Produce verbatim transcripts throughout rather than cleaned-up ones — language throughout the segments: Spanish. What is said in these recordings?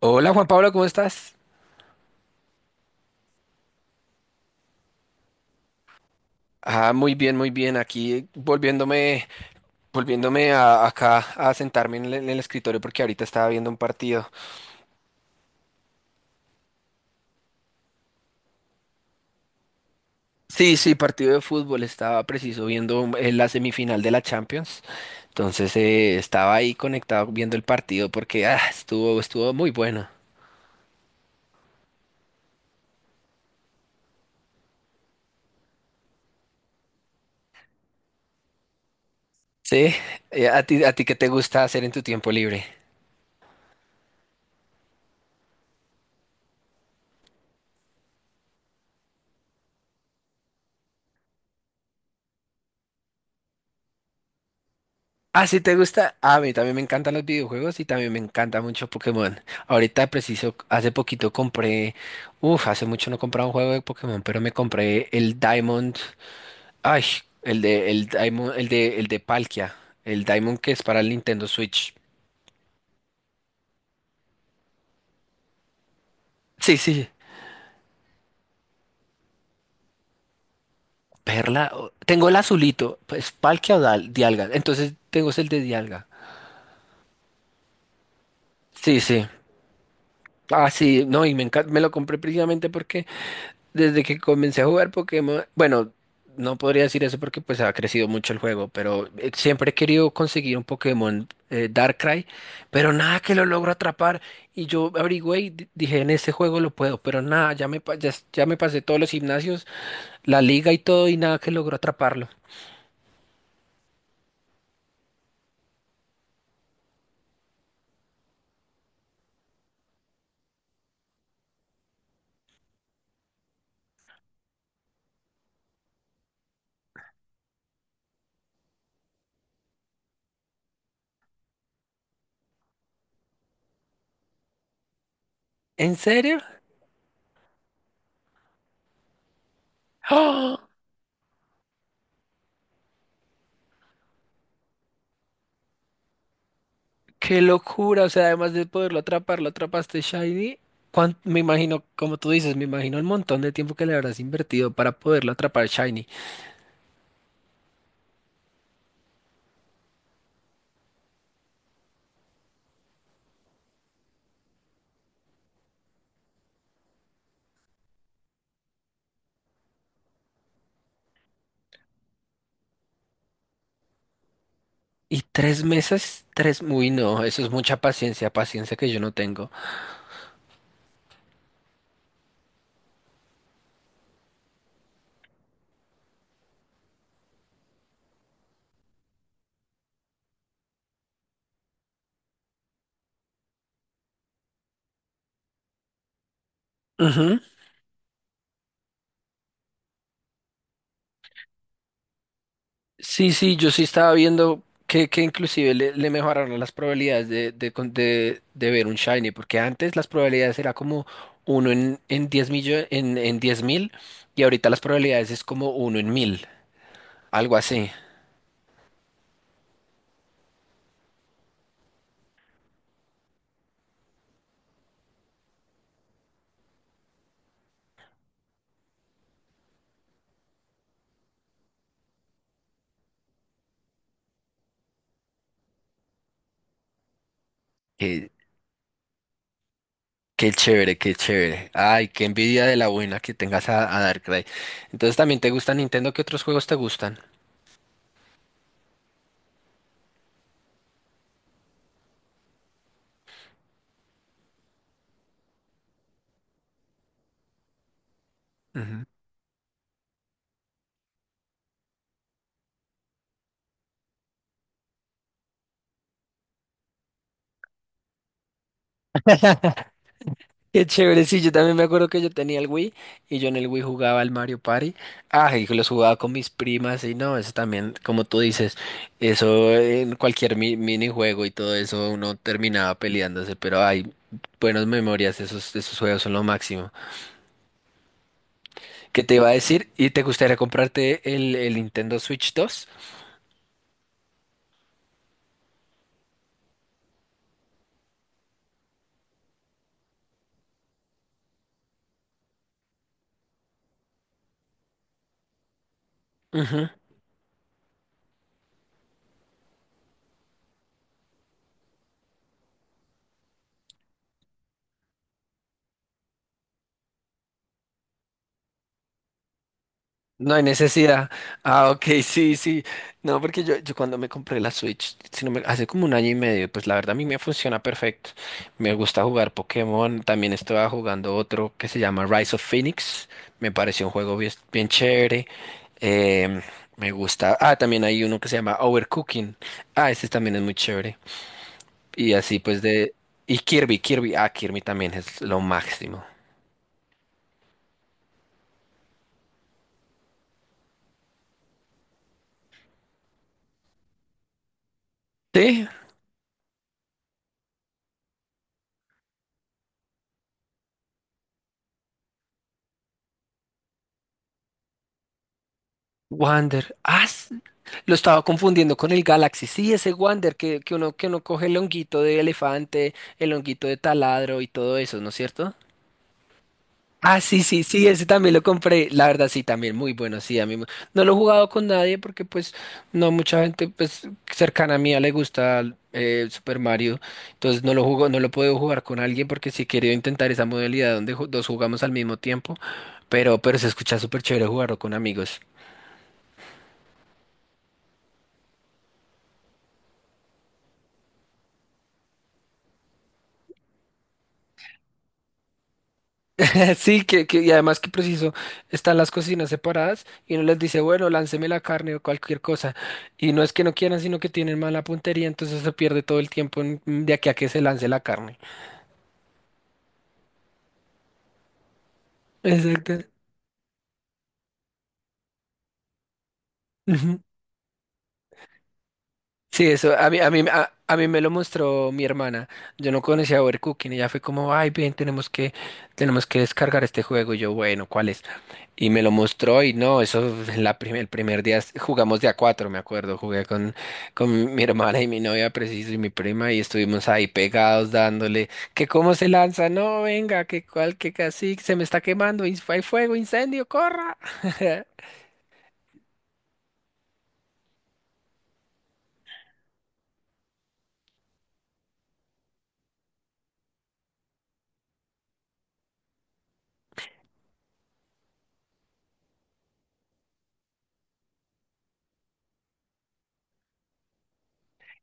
Hola Juan Pablo, ¿cómo estás? Ah, muy bien, muy bien. Aquí volviéndome, volviéndome a, acá a sentarme en el, en el escritorio porque ahorita estaba viendo un partido. Sí, sí, partido de fútbol. Estaba preciso viendo eh, la semifinal de la Champions. Entonces eh, estaba ahí conectado viendo el partido porque ah, estuvo, estuvo muy bueno. Sí, eh, ¿a ti, a ti qué te gusta hacer en tu tiempo libre? Ah, ¿si te gusta? Ah, a mí también me encantan los videojuegos y también me encanta mucho Pokémon. Ahorita preciso, hace poquito compré, uff, hace mucho no compraba un juego de Pokémon, pero me compré el Diamond, ay, el de, el Diamond, el de, el de Palkia, el Diamond que es para el Nintendo Switch. Sí, sí. Perla, o- tengo el azulito, pues Palkia o Dal- Dialga, entonces tengo es el de Dialga. Sí, sí. Ah, sí, no, y me encanta, me lo compré precisamente porque desde que comencé a jugar Pokémon, bueno, no podría decir eso porque pues ha crecido mucho el juego, pero eh, siempre he querido conseguir un Pokémon eh, Darkrai, pero nada que lo logro atrapar. Y yo averigüé y di- dije, en este juego lo puedo, pero nada, ya me, pa- ya, s- ya me pasé todos los gimnasios, la liga y todo, y nada que logro atraparlo. ¿En serio? ¡Ah! ¡Qué locura! O sea, además de poderlo atrapar, lo atrapaste Shiny. Cuán- me imagino, como tú dices, me imagino el montón de tiempo que le habrás invertido para poderlo atrapar Shiny. Y tres meses, tres, uy, no, eso es mucha paciencia, paciencia que yo no tengo. Ujú. Sí, sí, yo sí estaba viendo que, que inclusive le, le mejoraron las probabilidades de, de, con- de, de ver un shiny, porque antes las probabilidades era como uno en, en diez millo- en, en diez mil, y ahorita las probabilidades es como uno en mil, algo así. Qué, qué chévere, qué chévere. Ay, qué envidia de la buena que tengas a, a Darkrai. Entonces, ¿también te gusta Nintendo? ¿Qué otros juegos te gustan? Qué chévere, sí, yo también me acuerdo que yo tenía el Wii y yo en el Wii jugaba al Mario Party. Ah, y los jugaba con mis primas y no, eso también, como tú dices, eso en cualquier mi- minijuego y todo eso uno terminaba peleándose, pero hay buenas memorias, esos, esos juegos son lo máximo. ¿Qué te iba a decir? ¿Y te gustaría comprarte el, el Nintendo Switch dos? No hay necesidad. Ah, ok, sí, sí. No, porque yo, yo cuando me compré la Switch, si no me- hace como un año y medio, pues la verdad a mí me funciona perfecto. Me gusta jugar Pokémon. También estaba jugando otro que se llama Rise of Phoenix. Me pareció un juego bien, bien chévere. Em, Me gusta. Ah, también hay uno que se llama Overcooking. Ah, ese también es muy chévere. Y así pues de... Y Kirby, Kirby. Ah, Kirby también es lo máximo. Sí. Wander. Ah, s- lo estaba confundiendo con el Galaxy. Sí, ese Wander que, que uno, que uno coge el honguito de elefante, el honguito de taladro y todo eso, ¿no es cierto? Ah, sí, sí, sí, ese también lo compré. La verdad, sí, también muy bueno. Sí, a mí me- no lo he jugado con nadie porque, pues, no mucha gente, pues, cercana a mí le gusta eh, Super Mario. Entonces, no lo jugo, no lo puedo jugar con alguien porque sí he querido intentar esa modalidad donde ju- dos jugamos al mismo tiempo. Pero, pero se escucha súper chévere jugarlo con amigos. Sí, que, que, y además que preciso, están las cocinas separadas y uno les dice, bueno, lánceme la carne o cualquier cosa. Y no es que no quieran, sino que tienen mala puntería, entonces se pierde todo el tiempo en- de aquí a que se lance la carne. Exacto. Ujú. Sí, eso a mí, a mí, a, a mí me lo mostró mi hermana. Yo no conocía Overcooking y ella fue como, ay, bien, tenemos que, tenemos que descargar este juego. Y yo, bueno, ¿cuál es? Y me lo mostró y no, eso en la prim- el primer día es- jugamos de a cuatro, me acuerdo, jugué con, con mi hermana y mi novia preciso y mi prima y estuvimos ahí pegados dándole que cómo se lanza, no, venga, que cual, que casi se me está quemando, y hay fuego, incendio, corra.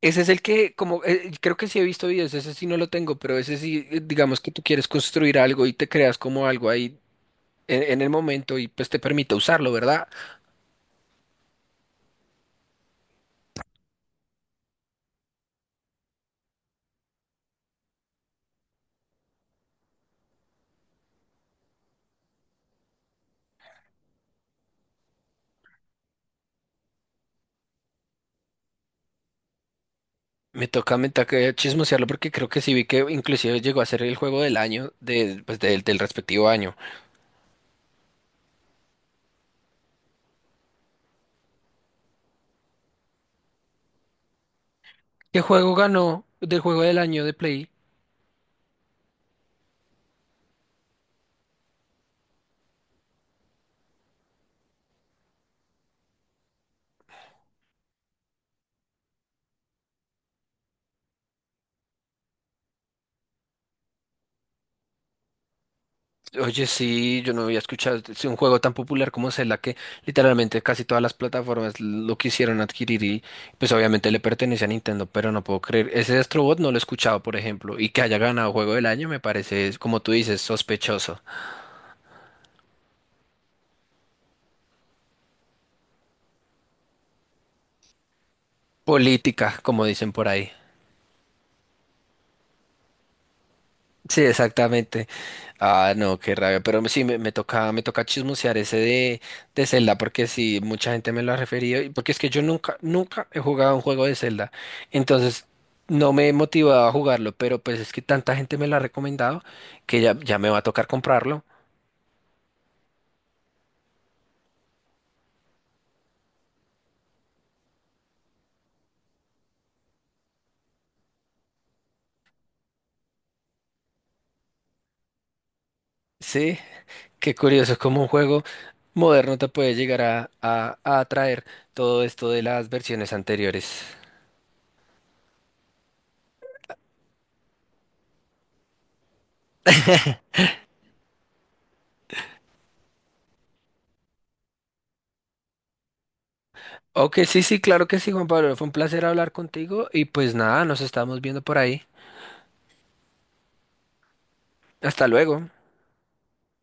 Ese es el que, como, eh, creo que sí he visto videos, ese sí no lo tengo, pero ese sí, eh, digamos que tú quieres construir algo y te creas como algo ahí en, en el momento y pues te permite usarlo, ¿verdad? Me toca, me toca chismosearlo porque creo que sí vi que inclusive llegó a ser el juego del año de, pues, del, del respectivo año. ¿Qué juego ganó del juego del año de Play? Oye, sí, yo no había escuchado es un juego tan popular como Zelda que literalmente casi todas las plataformas lo quisieron adquirir y pues obviamente le pertenece a Nintendo, pero no puedo creer. Ese Astro Bot no lo he escuchado, por ejemplo, y que haya ganado juego del año me parece, como tú dices, sospechoso. Política, como dicen por ahí. Sí, exactamente. Ah, no, qué rabia. Pero sí, me, me toca, me toca chismosear ese de, de Zelda, porque sí, mucha gente me lo ha referido, y porque es que yo nunca, nunca he jugado un juego de Zelda. Entonces, no me he motivado a jugarlo, pero pues es que tanta gente me lo ha recomendado que ya, ya me va a tocar comprarlo. Sí, qué curioso, como un juego moderno te puede llegar a, a, a atraer todo esto de las versiones anteriores. Ok, sí, sí, claro que sí, Juan Pablo. Fue un placer hablar contigo y pues nada, nos estamos viendo por ahí. Hasta luego.